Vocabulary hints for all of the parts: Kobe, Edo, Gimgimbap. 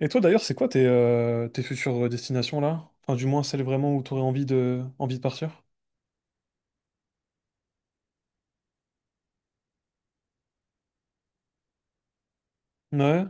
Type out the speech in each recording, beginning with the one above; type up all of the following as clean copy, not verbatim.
Et toi d'ailleurs, c'est quoi tes futures destinations là? Enfin, du moins celles vraiment où tu aurais envie de partir? Ouais.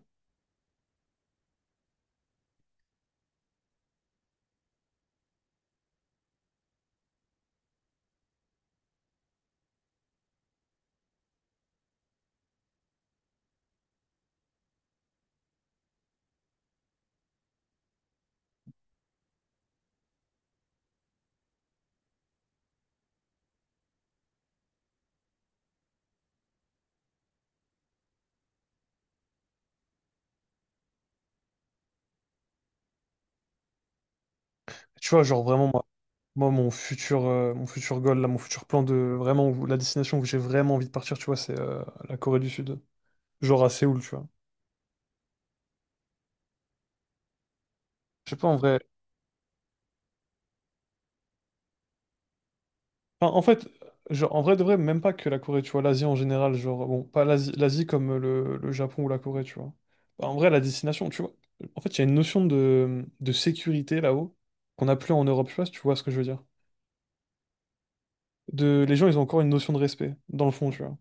Tu vois, genre vraiment, moi, mon futur goal, là, mon futur plan de vraiment la destination où j'ai vraiment envie de partir, tu vois, c'est la Corée du Sud. Genre à Séoul, tu vois. Je sais pas en vrai. Enfin, en fait, genre, en vrai de vrai, même pas que la Corée, tu vois, l'Asie en général, genre, bon, pas l'Asie, l'Asie comme le Japon ou la Corée, tu vois. Bah, en vrai, la destination, tu vois. En fait, il y a une notion de sécurité là-haut qu'on n'a plus en Europe, je sais pas si tu vois ce que je veux dire. De, les gens ils ont encore une notion de respect dans le fond, tu vois.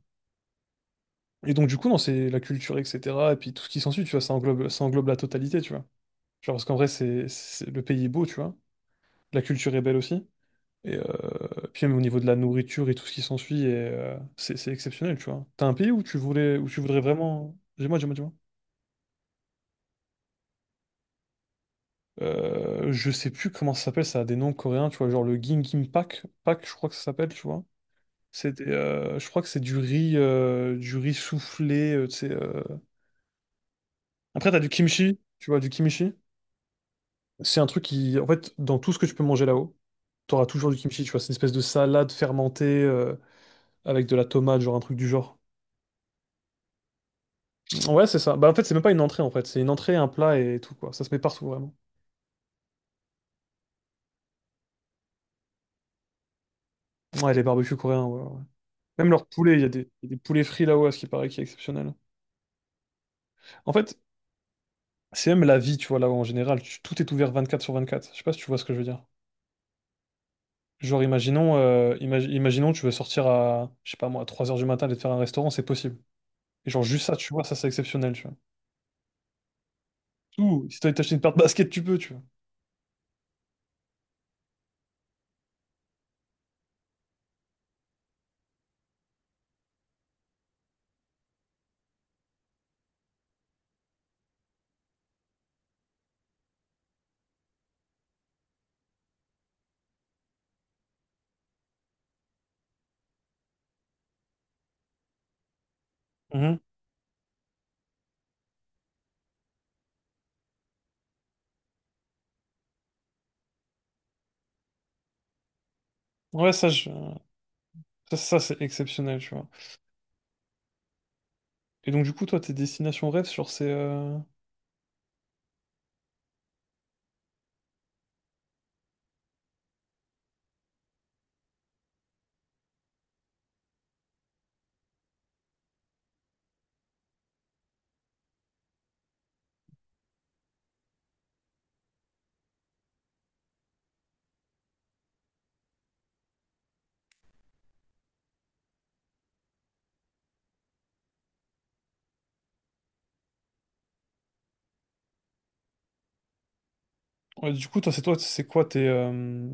Et donc, du coup, non, c'est la culture, etc. Et puis tout ce qui s'ensuit, tu vois, ça englobe la totalité, tu vois. Genre parce qu'en vrai, le pays est beau, tu vois, la culture est belle aussi, et puis même au niveau de la nourriture et tout ce qui s'ensuit, c'est exceptionnel, tu vois. T'as un pays où tu voulais où tu voudrais vraiment, dis-moi, dis-moi, dis-moi. Je sais plus comment ça s'appelle, ça a des noms coréens, tu vois, genre le Gimgimbap Pak, je crois que ça s'appelle, tu vois. C'est des, je crois que c'est du riz soufflé, tu sais. Après, t'as du kimchi, tu vois, du kimchi. C'est un truc qui, en fait, dans tout ce que tu peux manger là-haut, t'auras toujours du kimchi, tu vois. C'est une espèce de salade fermentée, avec de la tomate, genre un truc du genre. Ouais, c'est ça. Bah, en fait, c'est même pas une entrée, en fait. C'est une entrée, un plat et tout, quoi. Ça se met partout, vraiment. Ouais, les barbecues coréens, ouais, ouais. Même leur poulet, il y a des poulets frits là-haut, à ce qui paraît, qui est exceptionnel. En fait, c'est même la vie, tu vois, là-haut, en général. Tout est ouvert 24 sur 24. Je sais pas si tu vois ce que je veux dire. Genre, imaginons, tu veux sortir à, je sais pas moi, à 3 heures du matin, aller te faire un restaurant, c'est possible. Et genre, juste ça, tu vois, ça, c'est exceptionnel, tu vois. Ou, si t'as envie de t'acheter une paire de baskets, tu peux, tu vois. Mhm. Ouais, ça, ça, c'est exceptionnel, tu vois. Et donc, du coup, toi, tes destinations rêves, genre, c'est. Ouais, du coup, toi, c'est quoi tes. euh,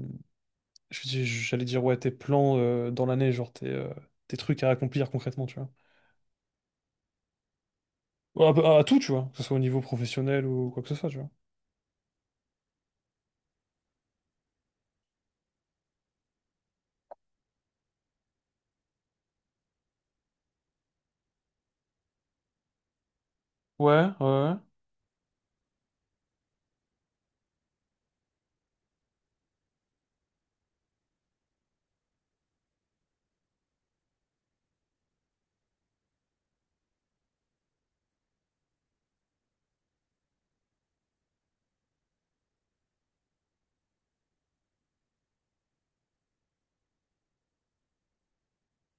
je dis- j'allais dire, ouais, tes plans, dans l'année, genre, tes trucs à accomplir concrètement, tu vois. Ouais, à tout, tu vois, que ce soit au niveau professionnel ou quoi que ce soit, tu vois. Ouais, ouais.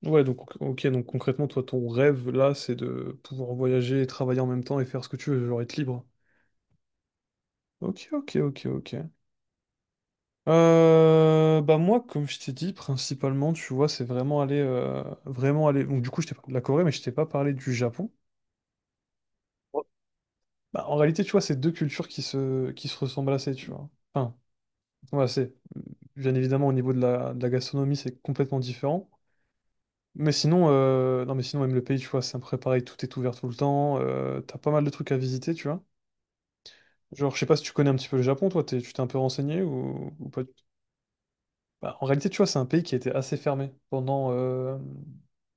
Ouais, donc, ok, donc concrètement, toi, ton rêve, là, c'est de pouvoir voyager, travailler en même temps et faire ce que tu veux, genre, être libre. Ok, ok, ok, ok. Bah moi, comme je t'ai dit, principalement, tu vois, c'est vraiment aller, vraiment aller. Donc du coup, je t'ai parlé de la Corée, mais je t'ai pas parlé du Japon. Bah, en réalité, tu vois, c'est deux cultures qui se ressemblent assez, tu vois. Enfin, voilà, c'est bien évidemment au niveau de la gastronomie, c'est complètement différent. Mais sinon, non, mais sinon, même le pays, tu vois, c'est un peu pareil, tout est ouvert tout le temps. T'as pas mal de trucs à visiter, tu vois. Genre, je sais pas si tu connais un petit peu le Japon, toi, tu t'es un peu renseigné, ou pas. Bah, en réalité, tu vois, c'est un pays qui était assez fermé pendant, euh,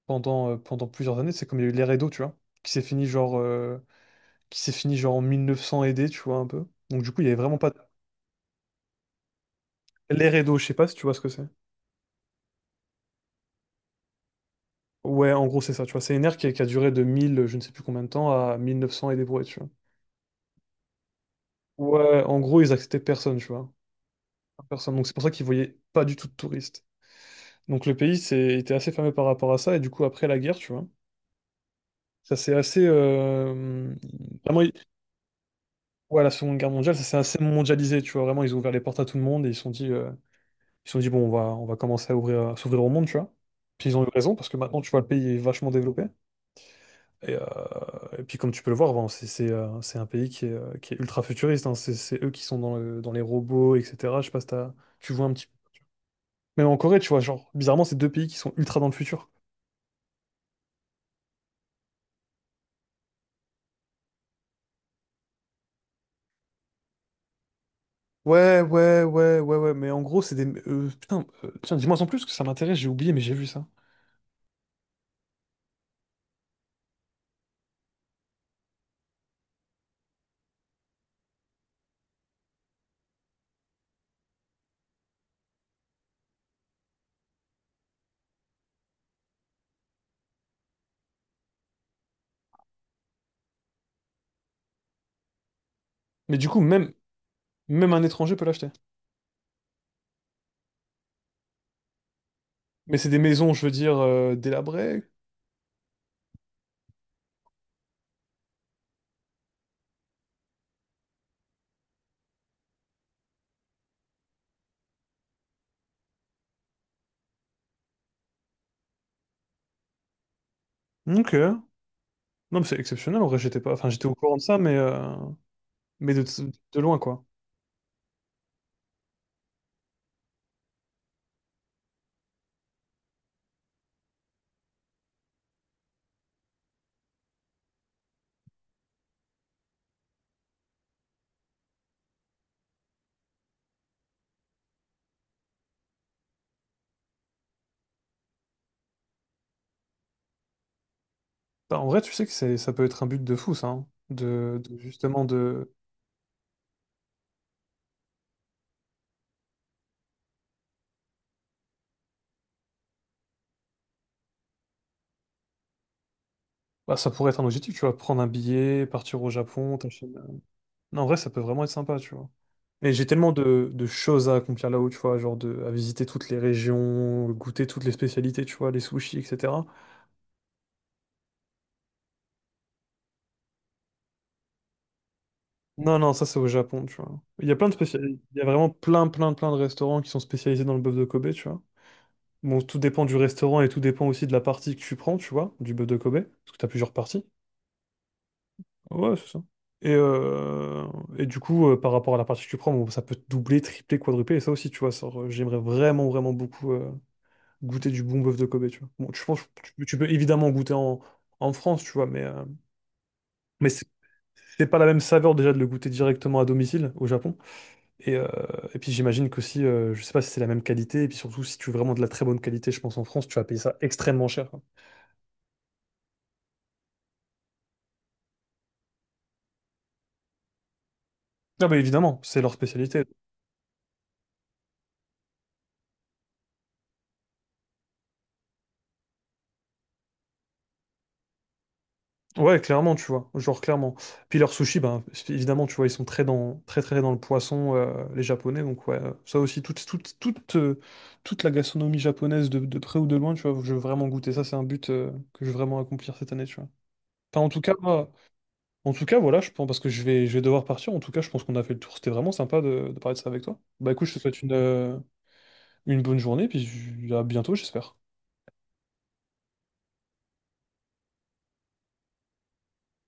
pendant, euh, pendant plusieurs années. C'est comme il y a eu l'ère Edo, tu vois, qui s'est fini genre, qui s'est fini genre en 1900 aidé, tu vois, un peu. Donc, du coup, il y avait vraiment pas l'ère Edo, je sais pas si tu vois ce que c'est. Ouais, en gros, c'est ça, tu vois. C'est une ère qui a duré de 1000, je ne sais plus combien de temps, à 1900 et des brouettes, tu vois. Ouais, en gros, ils acceptaient personne, tu vois. Personne. Donc, c'est pour ça qu'ils voyaient pas du tout de touristes. Donc, le pays était assez fermé par rapport à ça. Et du coup, après la guerre, tu vois, ça, c'est assez. Vraiment. Ouais, la Seconde Guerre mondiale, ça s'est assez mondialisé, tu vois. Vraiment, ils ont ouvert les portes à tout le monde et ils se sont dit, ils se sont dit bon, on va commencer à s'ouvrir au monde, tu vois. Puis ils ont eu raison parce que maintenant, tu vois, le pays est vachement développé. Et, euh, et puis, comme tu peux le voir, bon, c'est un pays qui est ultra futuriste, hein. C'est eux qui sont dans les robots, etc. Je sais pas si tu vois un petit peu. Même en Corée, tu vois, genre, bizarrement, c'est deux pays qui sont ultra dans le futur. Ouais, ouais, ouais, ouais, ouais, mais en gros, putain, tiens, dis-moi en plus, parce que ça m'intéresse, j'ai oublié, mais j'ai vu ça. Mais du coup, même un étranger peut l'acheter. Mais c'est des maisons, je veux dire, délabrées. Ok. Non, mais c'est exceptionnel. En vrai, j'étais pas. Enfin, j'étais au courant de ça, mais de loin, quoi. Bah, en vrai, tu sais que c'est, ça peut être un but de fou, ça, hein. Justement de. Bah, ça pourrait être un objectif, tu vois. Prendre un billet, partir au Japon, t'achètes. Non, en vrai, ça peut vraiment être sympa, tu vois. Et j'ai tellement de choses à accomplir là-haut, tu vois, genre à visiter toutes les régions, goûter toutes les spécialités, tu vois, les sushis, etc. Non, non, ça, c'est au Japon, tu vois. Il y a plein de spécialités. Il y a vraiment plein, plein, plein de restaurants qui sont spécialisés dans le bœuf de Kobe, tu vois. Bon, tout dépend du restaurant et tout dépend aussi de la partie que tu prends, tu vois, du bœuf de Kobe, parce que t'as plusieurs parties. Ouais, c'est ça. Et, euh, et du coup, par rapport à la partie que tu prends, bon, ça peut te doubler, tripler, quadrupler, et ça aussi, tu vois, j'aimerais vraiment, vraiment beaucoup goûter du bon bœuf de Kobe, tu vois. Bon, tu penses, tu peux évidemment goûter en, en France, tu vois, mais c'est pas la même saveur déjà de le goûter directement à domicile au Japon. Et, euh, et puis, j'imagine qu'aussi, je sais pas si c'est la même qualité, et puis surtout, si tu veux vraiment de la très bonne qualité, je pense, en France, tu vas payer ça extrêmement cher. Ah bah évidemment, c'est leur spécialité. Ouais, clairement, tu vois, genre clairement. Puis leurs sushis, ben évidemment, tu vois, ils sont très très dans le poisson, les Japonais. Donc ouais, ça aussi, toute la gastronomie japonaise de près ou de loin, tu vois, je veux vraiment goûter. Ça, c'est un but que je veux vraiment accomplir cette année, tu vois. Enfin, en tout cas, en tout cas, voilà, je pense, parce que je vais devoir partir. En tout cas, je pense qu'on a fait le tour. C'était vraiment sympa de parler de ça avec toi. Bah écoute, je te souhaite une bonne journée, puis à bientôt, j'espère.